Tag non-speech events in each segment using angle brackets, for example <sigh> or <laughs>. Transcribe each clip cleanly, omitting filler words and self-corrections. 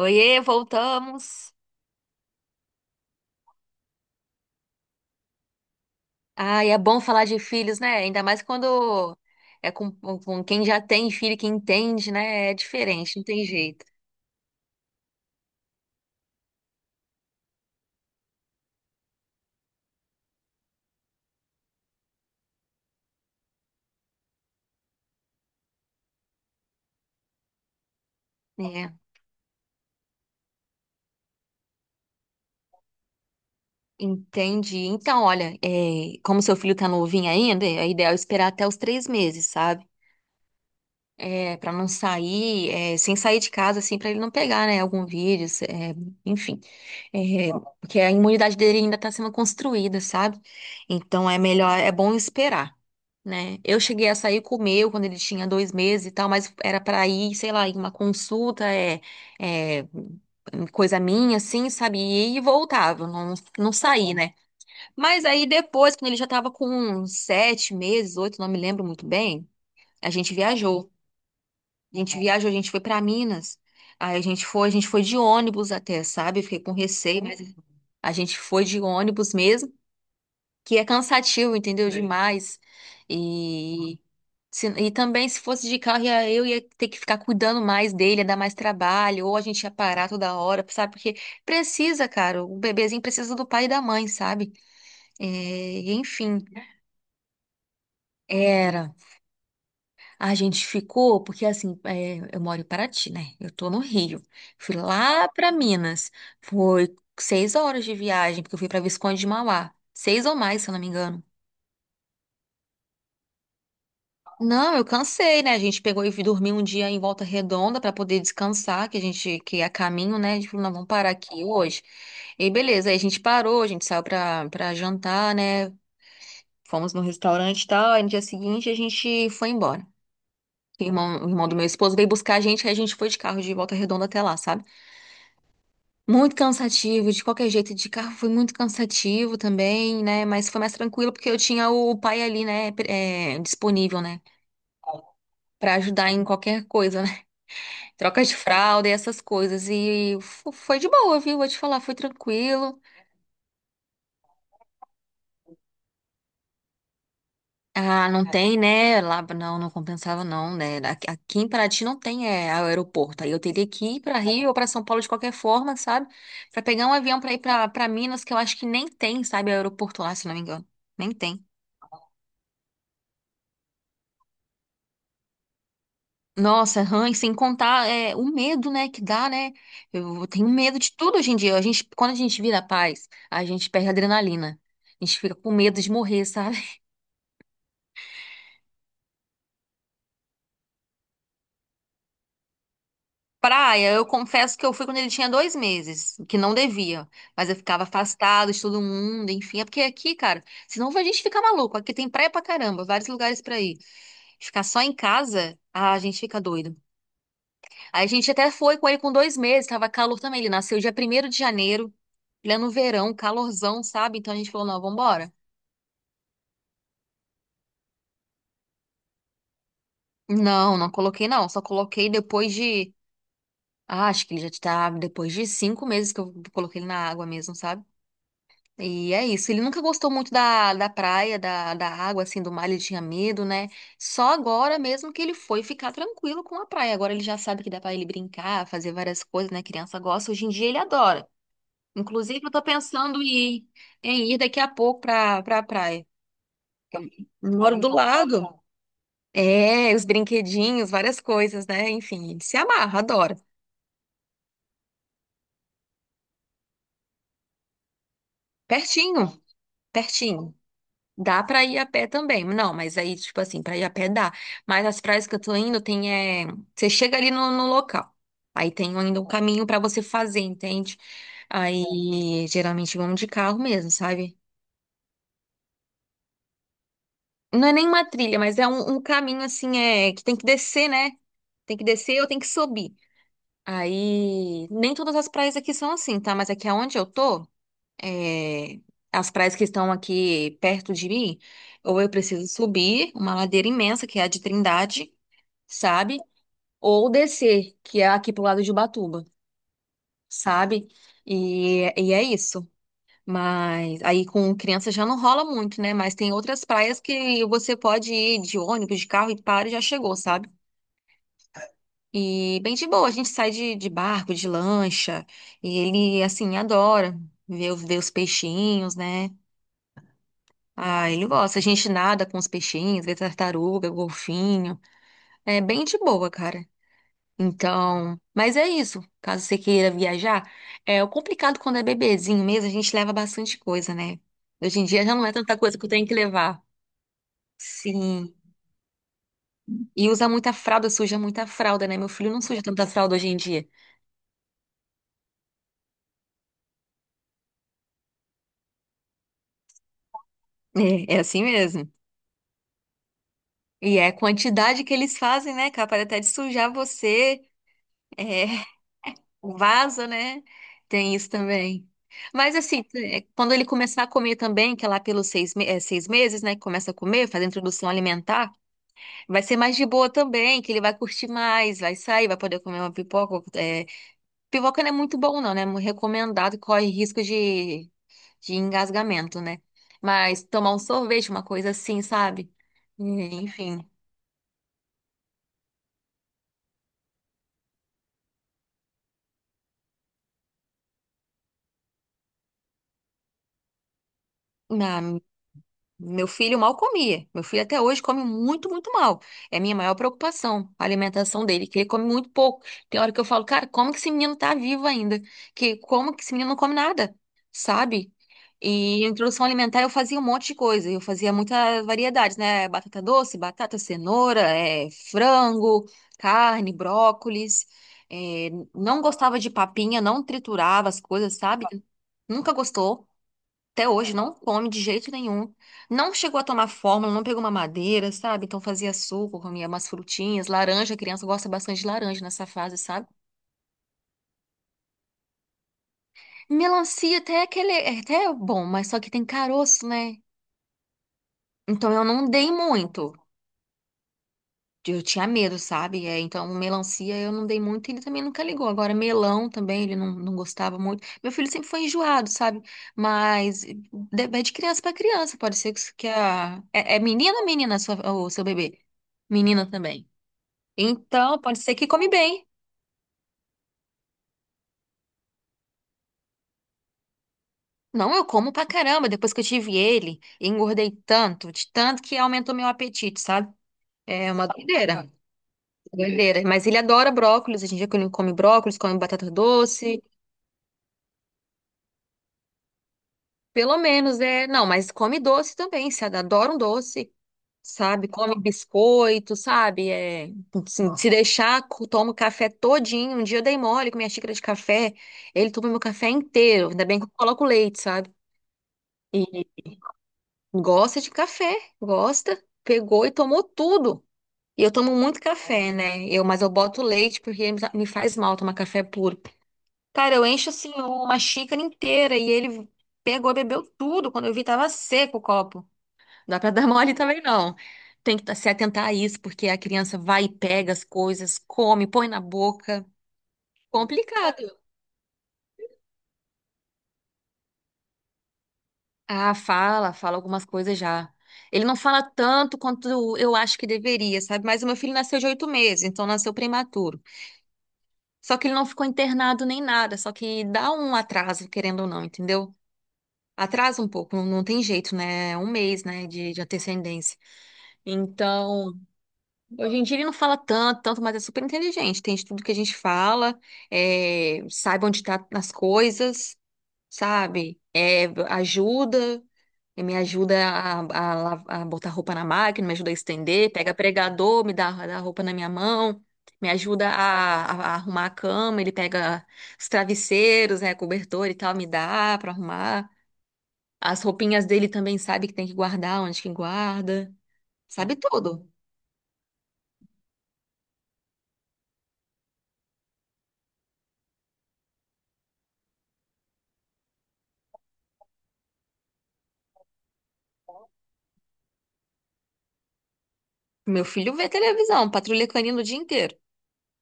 Oiê, voltamos. Ah, e é bom falar de filhos, né? Ainda mais quando é com quem já tem filho, que entende, né? É diferente, não tem jeito. É, entendi. Então, olha, como seu filho tá novinho ainda, é ideal esperar até os 3 meses, sabe? É, para não sair, sem sair de casa, assim, para ele não pegar, né? Algum vírus, enfim. É, porque a imunidade dele ainda tá sendo construída, sabe? Então, é melhor, é bom esperar. Né? Eu cheguei a sair com o meu quando ele tinha 2 meses e tal, mas era pra ir, sei lá, em uma consulta, é, coisa minha, assim, sabe? E voltava, não, não saí, né? Mas aí depois, quando ele já tava com uns 7 meses, oito, não me lembro muito bem, a gente viajou. A gente viajou, a gente foi pra Minas. Aí a gente foi de ônibus até, sabe? Fiquei com receio, mas a gente foi de ônibus mesmo, que é cansativo, entendeu? Demais. E E também, se fosse de carro, eu ia ter que ficar cuidando mais dele, ia dar mais trabalho, ou a gente ia parar toda hora, sabe? Porque precisa, cara, o bebezinho precisa do pai e da mãe, sabe? É, enfim, era. A gente ficou, porque assim, é, eu moro em Paraty, né? Eu tô no Rio. Fui lá pra Minas. Foi 6 horas de viagem, porque eu fui pra Visconde de Mauá. Seis ou mais, se eu não me engano. Não, eu cansei, né? A gente pegou e dormiu um dia em Volta Redonda para poder descansar, que a gente que é a caminho, né? A gente falou, não, vamos parar aqui hoje. E aí, beleza, aí a gente parou, a gente saiu para jantar, né? Fomos no restaurante e tal, aí no dia seguinte a gente foi embora. O irmão do meu esposo veio buscar a gente, aí a gente foi de carro de Volta Redonda até lá, sabe? Muito cansativo, de qualquer jeito, de carro foi muito cansativo também, né? Mas foi mais tranquilo porque eu tinha o pai ali, né, é, disponível, né? Pra ajudar em qualquer coisa, troca de fralda e essas coisas. E foi de boa, viu? Vou te falar, foi tranquilo. Ah, não tem, né? Lá, não, não compensava, não, né? Aqui em Paraty não tem é, aeroporto. Aí eu teria que ir para Rio ou para São Paulo de qualquer forma, sabe? Para pegar um avião para ir para Minas, que eu acho que nem tem, sabe? Aeroporto lá, se não me engano. Nem tem. Nossa, e sem contar o medo, né, que dá, né? Eu tenho medo de tudo hoje em dia. A gente, quando a gente vira paz, a gente perde a adrenalina. A gente fica com medo de morrer, sabe? Praia, eu confesso que eu fui quando ele tinha dois meses, que não devia, mas eu ficava afastado de todo mundo, enfim, é porque aqui, cara, senão a gente fica maluco, aqui tem praia pra caramba, vários lugares pra ir, ficar só em casa, ah, a gente fica doido. Aí a gente até foi com ele com 2 meses, tava calor também, ele nasceu dia 1º de janeiro, ele é no verão, calorzão, sabe, então a gente falou, não, vambora. Não, não coloquei não, só coloquei depois de, ah, acho que ele já tá, depois de 5 meses que eu coloquei ele na água mesmo, sabe? E é isso. Ele nunca gostou muito da praia, da água, assim, do mar, ele tinha medo, né? Só agora mesmo que ele foi ficar tranquilo com a praia. Agora ele já sabe que dá pra ele brincar, fazer várias coisas, né? Criança gosta. Hoje em dia ele adora. Inclusive, eu tô pensando em, ir daqui a pouco pra praia. Eu moro do lado. É, os brinquedinhos, várias coisas, né? Enfim, ele se amarra, adora. Pertinho, pertinho. Dá pra ir a pé também. Não, mas aí, tipo assim, pra ir a pé dá. Mas as praias que eu tô indo, tem, é... Você chega ali no local. Aí tem ainda um caminho pra você fazer, entende? Aí, geralmente, vamos de carro mesmo, sabe? Não é nem uma trilha, mas é um caminho, assim, é... Que tem que descer, né? Tem que descer ou tem que subir. Aí, nem todas as praias aqui são assim, tá? Mas aqui aonde eu tô... é, as praias que estão aqui perto de mim, ou eu preciso subir uma ladeira imensa, que é a de Trindade, sabe? Ou descer, que é aqui pro lado de Ubatuba, sabe? E é isso. Mas aí com criança já não rola muito, né? Mas tem outras praias que você pode ir de ônibus, de carro e para e já chegou, sabe? E bem de boa, a gente sai de barco, de lancha, e ele, assim, adora ver os peixinhos, né? Ah, ele gosta. A gente nada com os peixinhos, vê tartaruga, golfinho. É bem de boa, cara. Então, mas é isso. Caso você queira viajar, é o complicado quando é bebezinho mesmo, a gente leva bastante coisa, né? Hoje em dia já não é tanta coisa que eu tenho que levar. Sim. E usa muita fralda, suja muita fralda, né? Meu filho não suja tanta fralda hoje em dia. É, é assim mesmo. E é a quantidade que eles fazem, né. Capaz até de sujar você. É, O vaso, né? Tem isso também. Mas assim, é, quando ele começar a comer também, que é lá pelos 6 meses, né? Que começa a comer, fazer a introdução alimentar, vai ser mais de boa também, que ele vai curtir mais, vai sair, vai poder comer uma pipoca. Pipoca não é muito bom, não, né? É muito recomendado, corre risco de engasgamento, né? Mas tomar um sorvete, uma coisa assim, sabe? Enfim. Não. Meu filho mal comia. Meu filho até hoje come muito, muito mal. É a minha maior preocupação, a alimentação dele, que ele come muito pouco. Tem hora que eu falo, cara, como que esse menino tá vivo ainda? Que como que esse menino não come nada, sabe? E introdução alimentar eu fazia um monte de coisa. Eu fazia muitas variedades, né? Batata doce, batata, cenoura, é, frango, carne, brócolis. É, não gostava de papinha, não triturava as coisas, sabe? Nunca gostou. Até hoje não come de jeito nenhum. Não chegou a tomar fórmula, não pegou uma madeira, sabe? Então fazia suco, comia umas frutinhas, laranja, a criança gosta bastante de laranja nessa fase, sabe? Melancia até é aquele, é até bom, mas só que tem caroço, né? Então eu não dei muito. Eu tinha medo, sabe? É, então, melancia eu não dei muito, ele também nunca ligou. Agora, melão também, ele não, não gostava muito. Meu filho sempre foi enjoado, sabe? Mas vai de criança para criança, pode ser que a. É menina ou o seu bebê? Menina também. Então, pode ser que come bem. Não, eu como pra caramba. Depois que eu tive ele, engordei tanto, de tanto que aumentou meu apetite, sabe? É uma doideira, doideira. Mas ele adora brócolis, a gente já come brócolis, come batata doce. Pelo menos, é. Não, mas come doce também, se adora um doce, sabe? Come biscoito, sabe? É, se deixar, toma o café todinho. Um dia eu dei mole com minha xícara de café, ele toma meu café inteiro. Ainda bem que eu coloco leite, sabe? E gosta de café, gosta. Pegou e tomou tudo. E eu tomo muito café, né? Eu, mas eu boto leite porque me faz mal tomar café puro. Cara, eu encho assim uma xícara inteira e ele pegou e bebeu tudo. Quando eu vi, tava seco o copo. Não dá pra <laughs> dar mole também, não. Tem que se atentar a isso, porque a criança vai e pega as coisas, come, põe na boca. Complicado. Ah, fala algumas coisas já. Ele não fala tanto quanto eu acho que deveria, sabe? Mas o meu filho nasceu de 8 meses, então nasceu prematuro. Só que ele não ficou internado nem nada, só que dá um atraso, querendo ou não, entendeu? Atrasa um pouco, não, não tem jeito, né? É um mês, né, de, antecedência. Então, hoje em dia ele não fala tanto, tanto, mas é super inteligente. Tem de tudo que a gente fala, sabe onde tá nas coisas, sabe? É, ajuda, me ajuda a botar roupa na máquina, me ajuda a estender, pega pregador, me dá roupa na minha mão, me ajuda a, a arrumar a cama, ele pega os travesseiros, né, cobertor e tal, me dá pra arrumar. As roupinhas dele também sabe que tem que guardar, onde que guarda, sabe tudo. Meu filho vê televisão, patrulha canina o dia inteiro.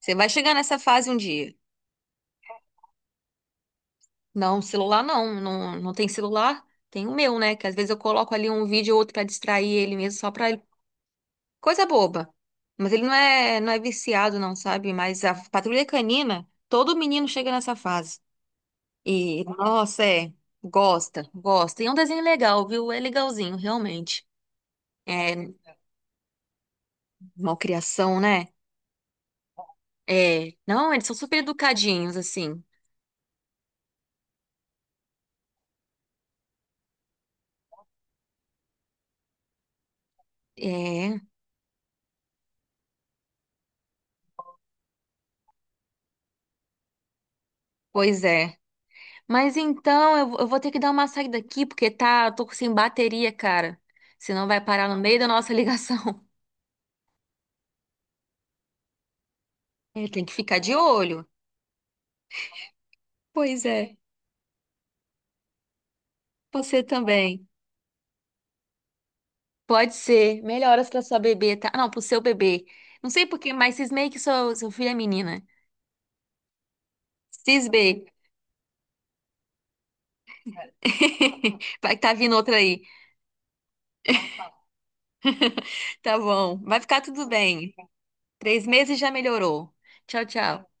Você vai chegar nessa fase um dia. Não, celular não, não, não tem celular. Tem o meu, né? Que às vezes eu coloco ali um vídeo ou outro pra distrair ele mesmo, só pra ele. Coisa boba. Mas ele não é viciado, não, sabe? Mas a patrulha canina, todo menino chega nessa fase. E, nossa, é. Gosta, gosta. E é um desenho legal, viu? É legalzinho, realmente. É malcriação, né? É. Não, eles são super educadinhos, assim. É, pois é. Mas então, eu vou ter que dar uma saída aqui, porque tá, eu tô sem bateria, cara. Senão vai parar no meio da nossa ligação. <laughs> É, tem que ficar de olho. Pois é. Você também. Pode ser. Melhoras pra sua bebê, tá? Ah, não, pro seu bebê. Não sei por quê, mas cismei que seu filho é menina. Cismei. <laughs> Vai que tá vindo outra aí. Tá bom. Vai ficar tudo bem. 3 meses já melhorou. Tchau, tchau.